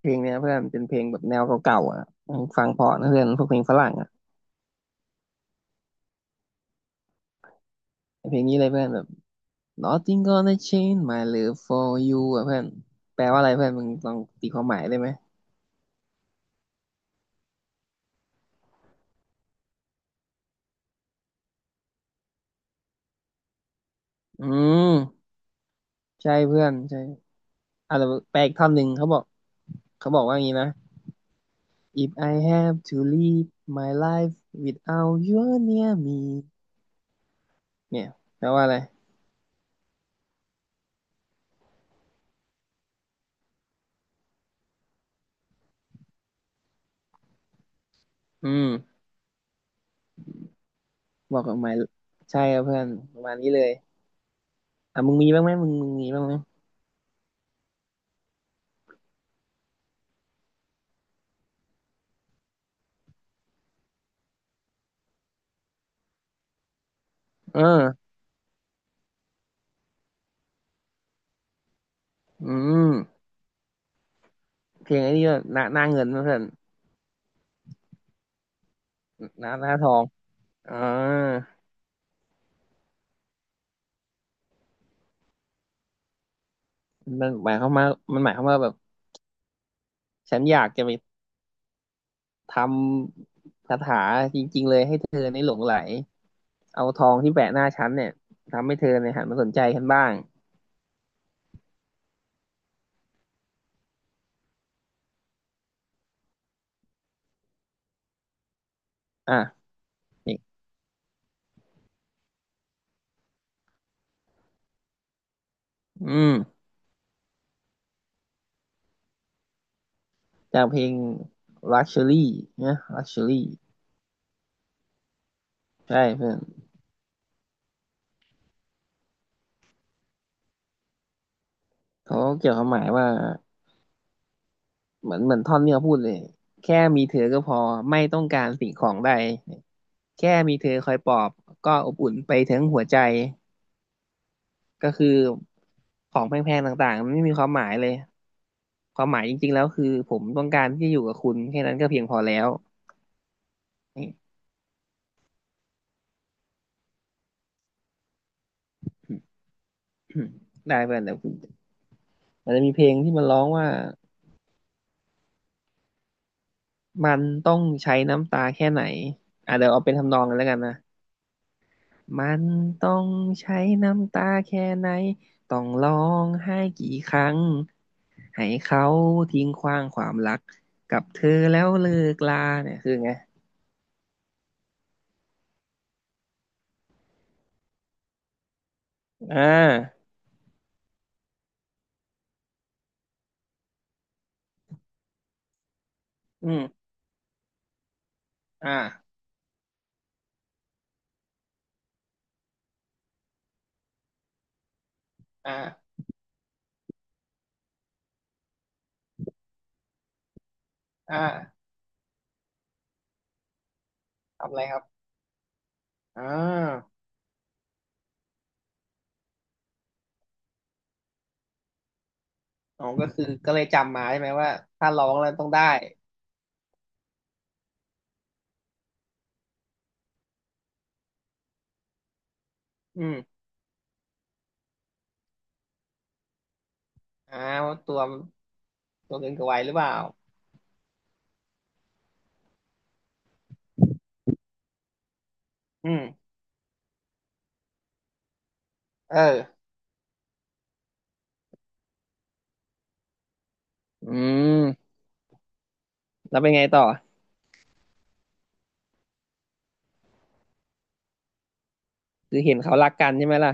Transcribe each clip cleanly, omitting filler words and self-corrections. เพลงเนี้ยเพื่อนเป็นเพลงแบบแนวเก่าๆอ่ะฟังเพราะนะเพื่อนพวกเพลงฝรั่งอ่ะเพลงนี้เลยเพื่อนแบบ Nothing gonna change my love for you อ่ะเพื่อนแปลว่าอะไรเพื่อนมึงลองตีความหมายได้ไหมอืมใช่เพื่อนใช่อ่ะแต่แปลอีกท่อนหนึ่งเขาบอกว่าอย่างนี้นะ If I have to live my life without you near me เนี่ยแปลว่าอะไรอืมบอกกับหมายใช่ครับเพื่อนประมาณนี้เลยอ่ะมึงมีบ้างไหมมึงมีบ้างไหมเอออืม เพลงไอ้นี่ก็หน้าเงินนะเพื่อนหน้าทองอ่ามันหมายความว่ามันหมายความว่าแบบฉันอยากจะไปทำคาถาจริงๆเลยให้เธอในหลงไหลเอาทองที่แปะหน้าฉันเนี่ยทำให้เธอเนี่ยหันมาสนใจฉันบ้างอ่ะนี่อืมจากเพลง luxury นะ luxury ใช่เพื่อนเขาเกี่ยวความหมายว่าเหมือนท่อนเนี้ยพูดเลยแค่มีเธอก็พอไม่ต้องการสิ่งของใด แค่มีเธอคอยปลอบก็อบอุ่นไปทั้งหัวใจก็คือของแพงๆต่างๆมันไม่มีความหมายเลยความหมายจริงๆแล้วคือผมต้องการที่จะอยู่กับคุณแค่นั้นก็เพียงพอแล้ว นี่ ได้เพื่อนแต่คุณมันจะมีเพลงที่มันร้องว่ามันต้องใช้น้ำตาแค่ไหนอ่ะเดี๋ยวเอาเป็นทำนองกันแล้วกันนะ มันต้องใช้น้ำตาแค่ไหนต้องร้องไห้กี่ครั้งให้เขาทิ้งขว้างความรักกับเธอแล้วเลิกลาเนี่ยคือไงอ่าอืมอ่าอ่าอ่าทำอะไรครับอ่าอ๋อก็คือก็เลยจำมาใช่ไหมว่าถ้าร้องแล้วต้องได้อืมอ่าว่าตัวเกินกว่าวัยหรือเปล่าอืมเอออืมแล้วเป็นไงต่อคือเห็นเขารักกันใช่ไหมล่ะ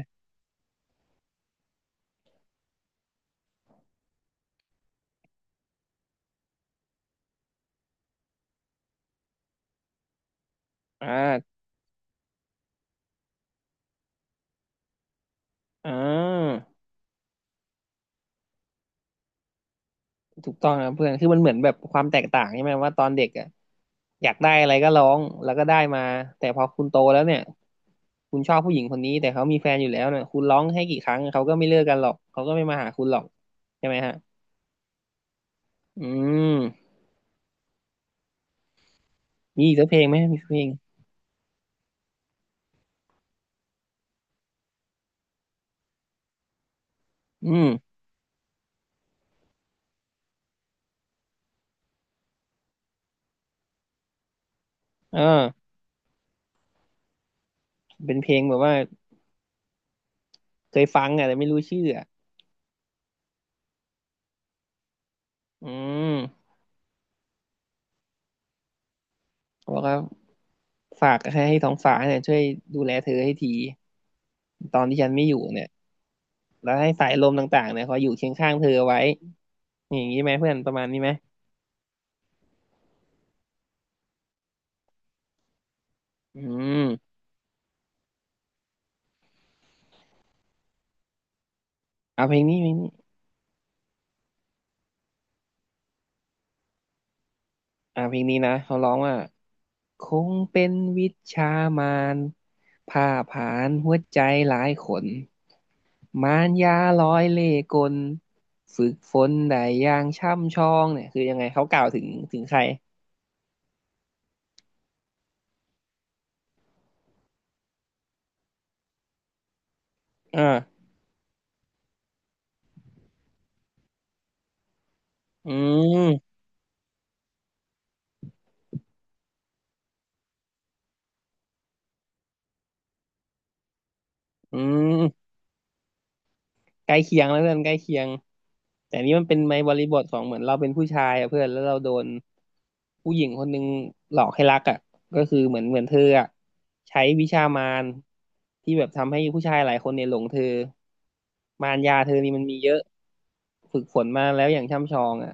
อ่าอ่า ถูกต้องครับเพื่อน คือมันเหมือนแบบความแตกต่างใช่ไหมว่าตอนเด็กอ่ะอยากได้อะไรก็ร้องแล้วก็ได้มาแต่พอคุณโตแล้วเนี่ยคุณชอบผู้หญิงคนนี้แต่เขามีแฟนอยู่แล้วเนี่ยคุณร้องให้กี่ครั้งเขาก็ไม่เลิกกันหรอกเขาก็ไม่มาหาคุณหรอกใช่ไหมฮะอืมมีอีกสักเพลงไหมมีสักเพลงอืมเออเป็นเพลงแบบว่าเคยฟังอ่ะแต่ไม่รู้ชื่ออ่ะอืมบอกว่าฝากให้ท้องฟ้าเนี่ยช่วยดูแลเธอให้ทีตอนที่ฉันไม่อยู่เนี่ย แล้วให้สายลมต่างๆเนี่ยคอยอยู่เคียงข้างเธอเอาไว้ อย่างนี้ไหมเพื่อนประมาณนี้ไหมอืมเอาเพลงนี้อ่าเพลงนี้นะเขาร้องว่าคงเป็นวิชามารผ่าผลาญหัวใจหลายขนมารยาร้อยเล่ห์กลฝึกฝนได้อย่างช่ำชองเนี่ยคือยังไงเขากล่าวถึงถึงใครอ่าอืมอืม ใกล้เคียงแล้วเพื่อนใกล้เคียงแต่นี้มันเป็นในบริบทของเหมือนเราเป็นผู้ชายอะเพื่อนแล้วเราโดนผู้หญิงคนหนึ่งหลอกให้รักอ่ะก็คือเหมือนเธออ่ะใช้วิชามารที่แบบทำให้ผู้ชายหลายคนเนี่ยหลงเธอมารยาเธอนี่มันมีเยอะฝึกฝนมาแล้วอย่างช่ำชองอ่ะ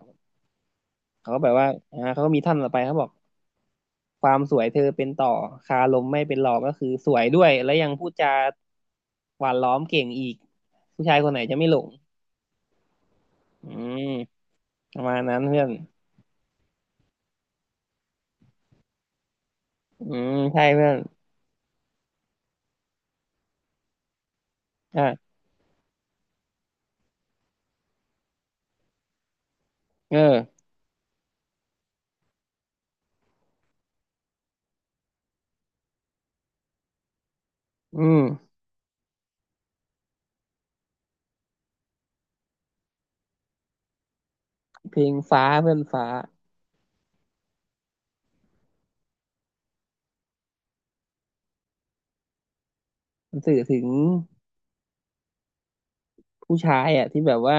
เขาก็แบบว่าอ่าเขาก็มีท่อนต่อไปเขาบอกความสวยเธอเป็นต่อคาลมไม่เป็นหลอกก็คือสวยด้วยแล้วยังพูดจาหวานล้อมเก่งอีกผู้ชายคนไหนจะไม่หลงอืม ประมาณนั้นเพื่อนอืมใช่เพื่อนอ่ะเอออืมเพลงฟ้าเพื่อนฟ้ามันสื่อถึงผู้ชายอ่ะที่แบบว่า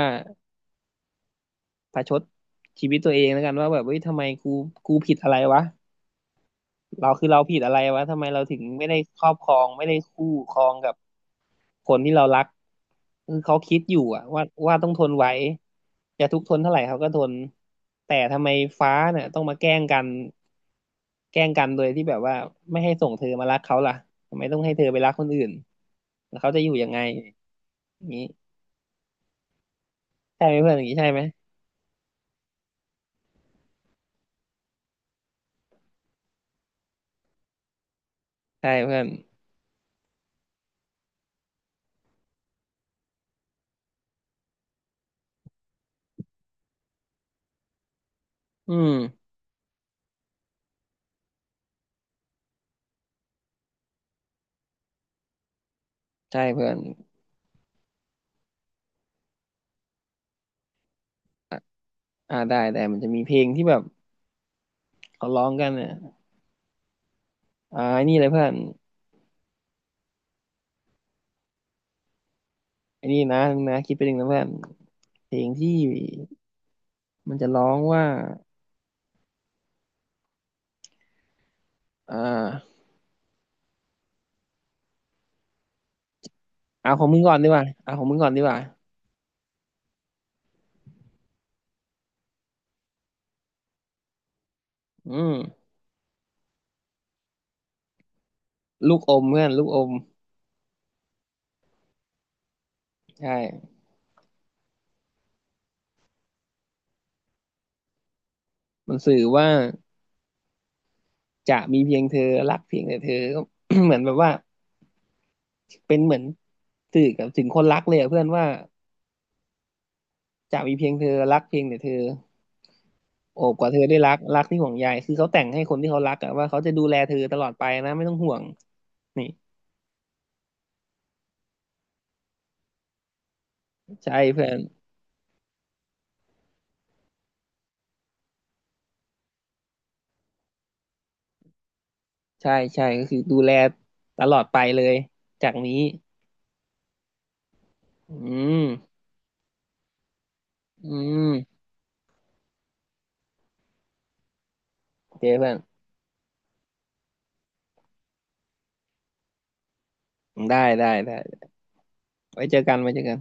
ประชดชีวิตตัวเองแล้วกันว่าแบบเฮ้ยทำไมกูกูผิดอะไรวะ เราคือเราผิดอะไรวะทำไมเราถึงไม่ได้ครอบครองไม่ได้คู่ครองกับคนที่เรารักคือเขาคิดอยู่อะว่าต้องทนไหวจะทุกข์ทนเท่าไหร่เขาก็ทนแต่ทำไมฟ้าเนี่ยต้องมาแกล้งกันแกล้งกันโดยที่แบบว่าไม่ให้ส่งเธอมารักเขาล่ะทำไมต้องให้เธอไปรักคนอื่นแล้วเขาจะอยู่ยังไงอย่างนี้ใช่ไหมเพื่อนอย่างนี้ใช่ไหมใช่เพื่อนอืมใช่เพื่อนอ่าได้แต่มันจะมีเพลงที่แบบเขาร้องกันเนี่ยอ่าไอ้นี่เลยเพื่อน ไอ้นี่นะนงนะคิดไปหนึ่งนะเพื่อนเพลงที่มันจะร้องว่าอ่าเอาของมึงก่อนดีกว่าเอาของมึงก่อนดีกว่าอืมลูกอมเพื่อนลูกอมใช่มันสื่อว่าจะมีเพียงเธอรักเพียงแต่เธอ ก็ เหมือนแบบว่าเป็นเหมือนสื่อกับถึงคนรักเลยอะเพื่อนว่าจะมีเพียงเธอรักเพียงแต่เธอโอบกว่าเธอได้รักรักที่ห่วงใยคือเขาแต่งให้คนที่เขารักอะว่าเขาจะดูแลเธอตลอดไปนะไม่ต้องห่วงนี่ใช่เพื่อน ใช่ก็คือดูแลตลอดไปเลยจากนี้อืมอืมโอเคเพื่อนได้ไว้เจอกัน